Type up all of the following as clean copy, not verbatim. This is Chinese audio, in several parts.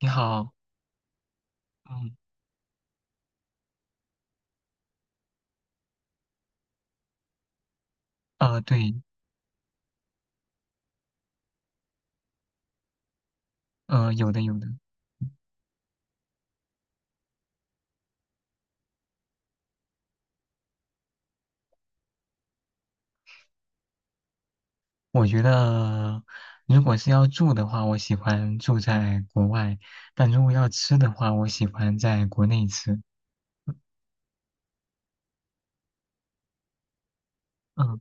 你好。嗯。对。有的有的。我觉得如果是要住的话，我喜欢住在国外，但如果要吃的话，我喜欢在国内吃。嗯，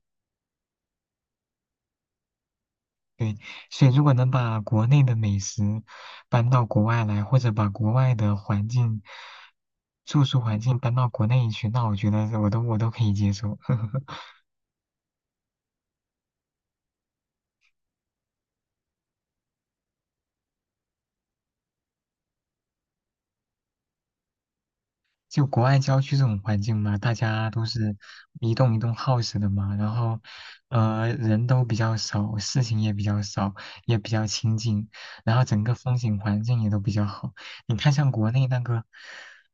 对，所以如果能把国内的美食搬到国外来，或者把国外的环境、住宿环境搬到国内去，那我觉得我都可以接受。就国外郊区这种环境嘛，大家都是一栋一栋 house 的嘛，然后，人都比较少，事情也比较少，也比较清静，然后整个风景环境也都比较好。你看像国内那个，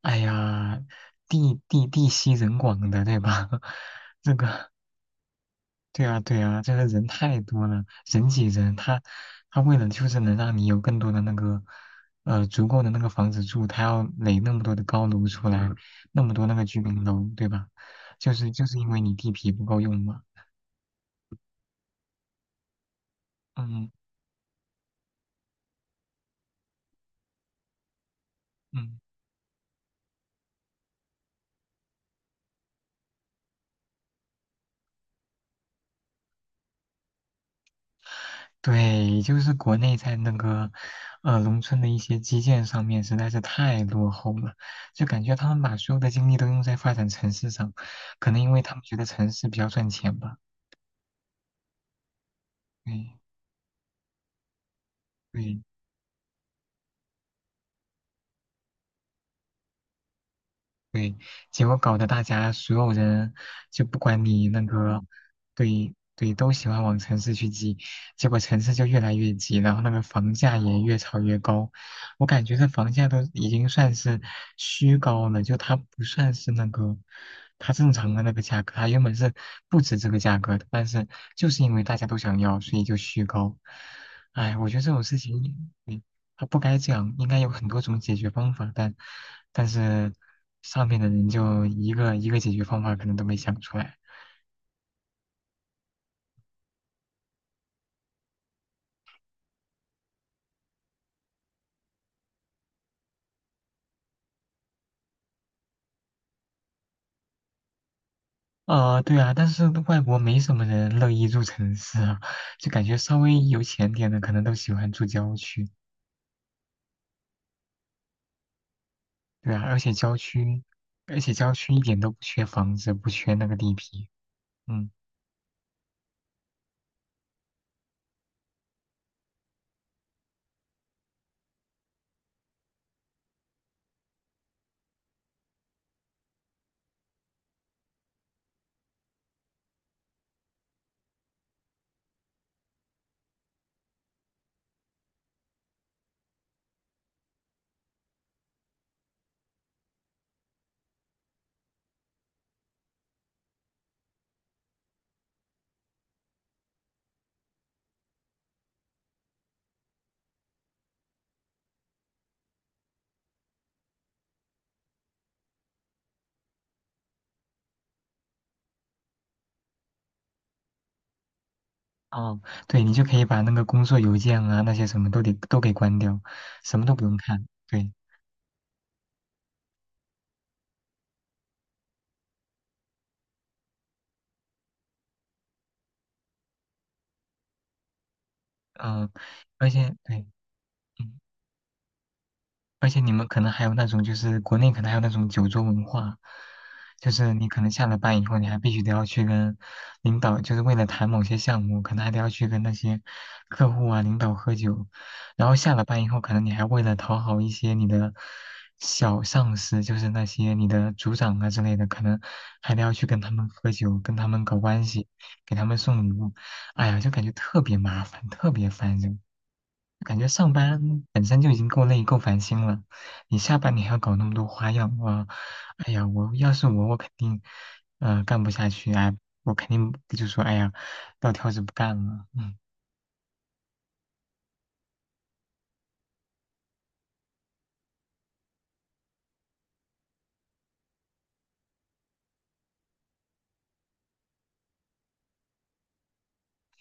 哎呀，地稀人广的，对吧？这个。对啊，对啊，就是人太多了，人挤人，他为了就是能让你有更多的那个，足够的那个房子住，他要垒那么多的高楼出来，那么多那个居民楼，对吧？就是因为你地皮不够用嘛。嗯嗯，对，就是国内在那个，农村的一些基建上面实在是太落后了，就感觉他们把所有的精力都用在发展城市上，可能因为他们觉得城市比较赚钱吧。对对。对，结果搞得大家所有人就不管你那个，对对，都喜欢往城市去挤，结果城市就越来越挤，然后那个房价也越炒越高。我感觉这房价都已经算是虚高了，就它不算是那个它正常的那个价格，它原本是不止这个价格的，但是就是因为大家都想要，所以就虚高。哎，我觉得这种事情，嗯他不该这样，应该有很多种解决方法，但是上面的人就一个一个解决方法可能都没想出来。对啊，但是外国没什么人乐意住城市啊，就感觉稍微有钱点的可能都喜欢住郊区，对啊，而且郊区，而且郊区一点都不缺房子，不缺那个地皮。嗯，哦，对，你就可以把那个工作邮件啊那些什么都给关掉，什么都不用看，对。嗯、而且对。嗯。而且你们可能还有那种，就是国内可能还有那种酒桌文化，就是你可能下了班以后，你还必须得要去跟领导，就是为了谈某些项目，可能还得要去跟那些客户啊、领导喝酒，然后下了班以后，可能你还为了讨好一些你的小上司，就是那些你的组长啊之类的，可能还得要去跟他们喝酒，跟他们搞关系，给他们送礼物。哎呀，就感觉特别麻烦，特别烦人。感觉上班本身就已经够累、够烦心了，你下班你还要搞那么多花样。我，哎呀，我要是我，我肯定，干不下去。哎，我肯定就说，哎呀，撂挑子不干了。嗯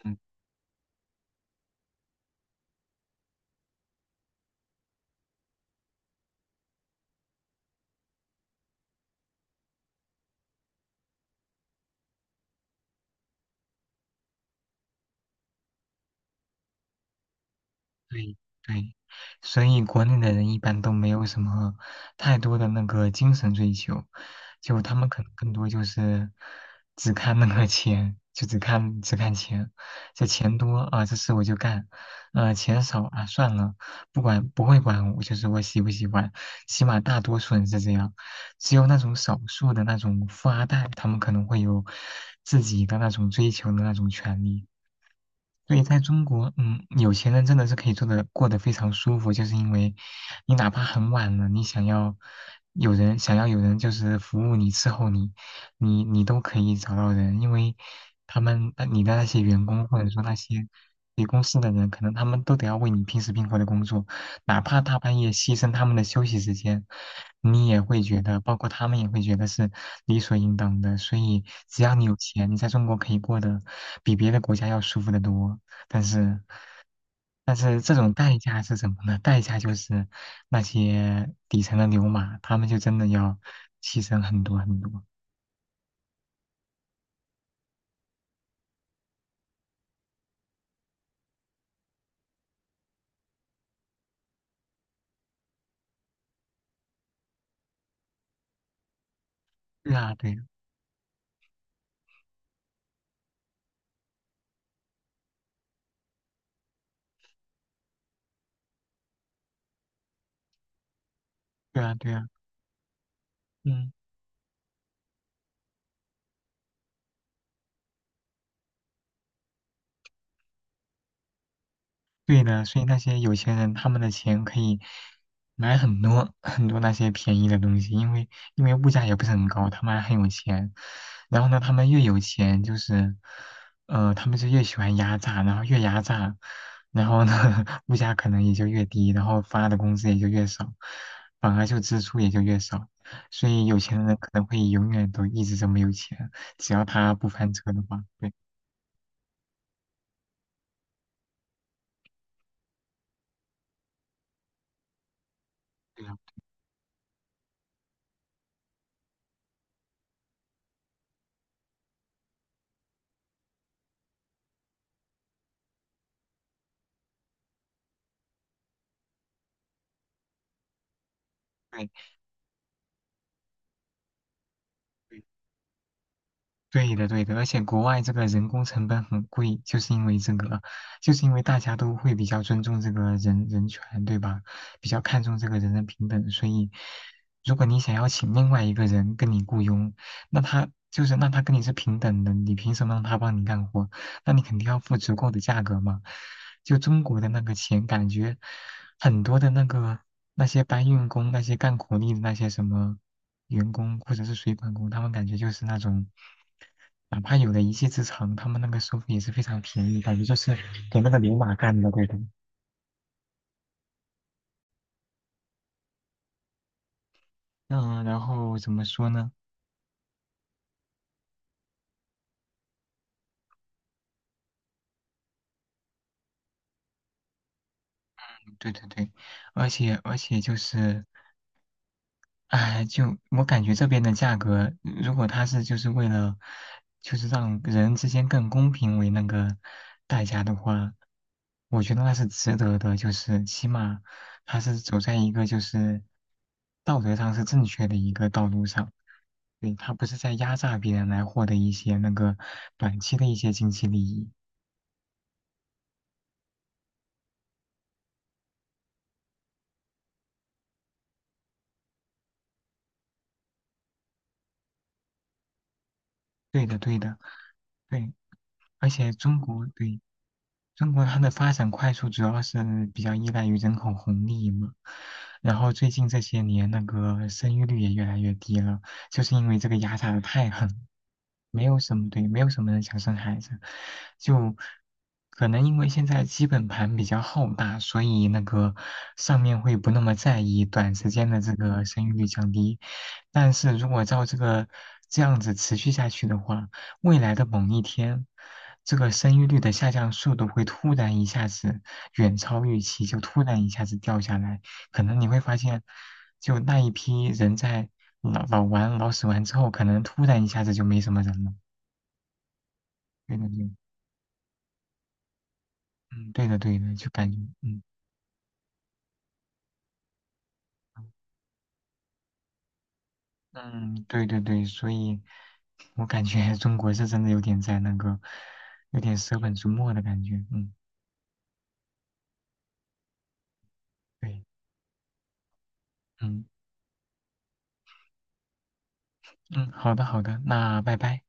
嗯。对对，所以国内的人一般都没有什么太多的那个精神追求，就他们可能更多就是只看那个钱，就只看钱。这钱多啊，这事我就干，钱少啊，算了，不管不会管我，就是我喜不喜欢，起码大多数人是这样。只有那种少数的那种富二代，他们可能会有自己的那种追求的那种权利。所以，在中国，嗯，有钱人真的是可以做的过得非常舒服，就是因为你哪怕很晚了，你想要有人想要有人就是服务你伺候你，你都可以找到人，因为他们你的那些员工或者说那些你公司的人，可能他们都得要为你拼死拼活的工作，哪怕大半夜牺牲他们的休息时间，你也会觉得，包括他们也会觉得是理所应当的。所以，只要你有钱，你在中国可以过得比别的国家要舒服得多。但是，但是这种代价是什么呢？代价就是那些底层的牛马，他们就真的要牺牲很多很多。对啊，对啊对啊，对啊。嗯。对的，所以那些有钱人他们的钱可以买很多 很多那些便宜的东西，因为因为物价也不是很高，他们还很有钱。然后呢，他们越有钱，就是他们就越喜欢压榨，然后越压榨，然后呢，物价可能也就越低，然后发的工资也就越少，反而就支出也就越少。所以有钱人可能会永远都一直这么有钱，只要他不翻车的话，对对啊，对。对的，对的，而且国外这个人工成本很贵，就是因为这个，就是因为大家都会比较尊重这个人人权，对吧？比较看重这个人人平等，所以如果你想要请另外一个人跟你雇佣，那他就是那他跟你是平等的，你凭什么让他帮你干活？那你肯定要付足够的价格嘛。就中国的那个钱，感觉很多的那个那些搬运工、那些干苦力的那些什么员工或者是水管工，他们感觉就是那种。哪怕有了一技之长，他们那个收费也是非常便宜，感觉就是给那个牛马干的，对的。嗯，然后怎么说呢？对对对，而且就是，哎，就我感觉这边的价格，如果他是就是为了，就是让人之间更公平为那个代价的话，我觉得那是值得的，就是起码他是走在一个就是道德上是正确的一个道路上，对，他不是在压榨别人来获得一些那个短期的一些经济利益。对的，对的，对，而且中国对。中国它的发展快速，主要是比较依赖于人口红利嘛。然后最近这些年，那个生育率也越来越低了，就是因为这个压榨的太狠没有什么对，没有什么人想生孩子，就可能因为现在基本盘比较浩大，所以那个上面会不那么在意短时间的这个生育率降低。但是如果照这个这样子持续下去的话，未来的某一天，这个生育率的下降速度会突然一下子远超预期，就突然一下子掉下来，可能你会发现，就那一批人在老死完之后，可能突然一下子就没什么人了。对的，对，嗯，对的，对的，就感觉，嗯嗯，对对对，所以我感觉 中国是真的有点在那个，有点舍本逐末的感觉。嗯，对，嗯嗯，好的好的，那拜拜。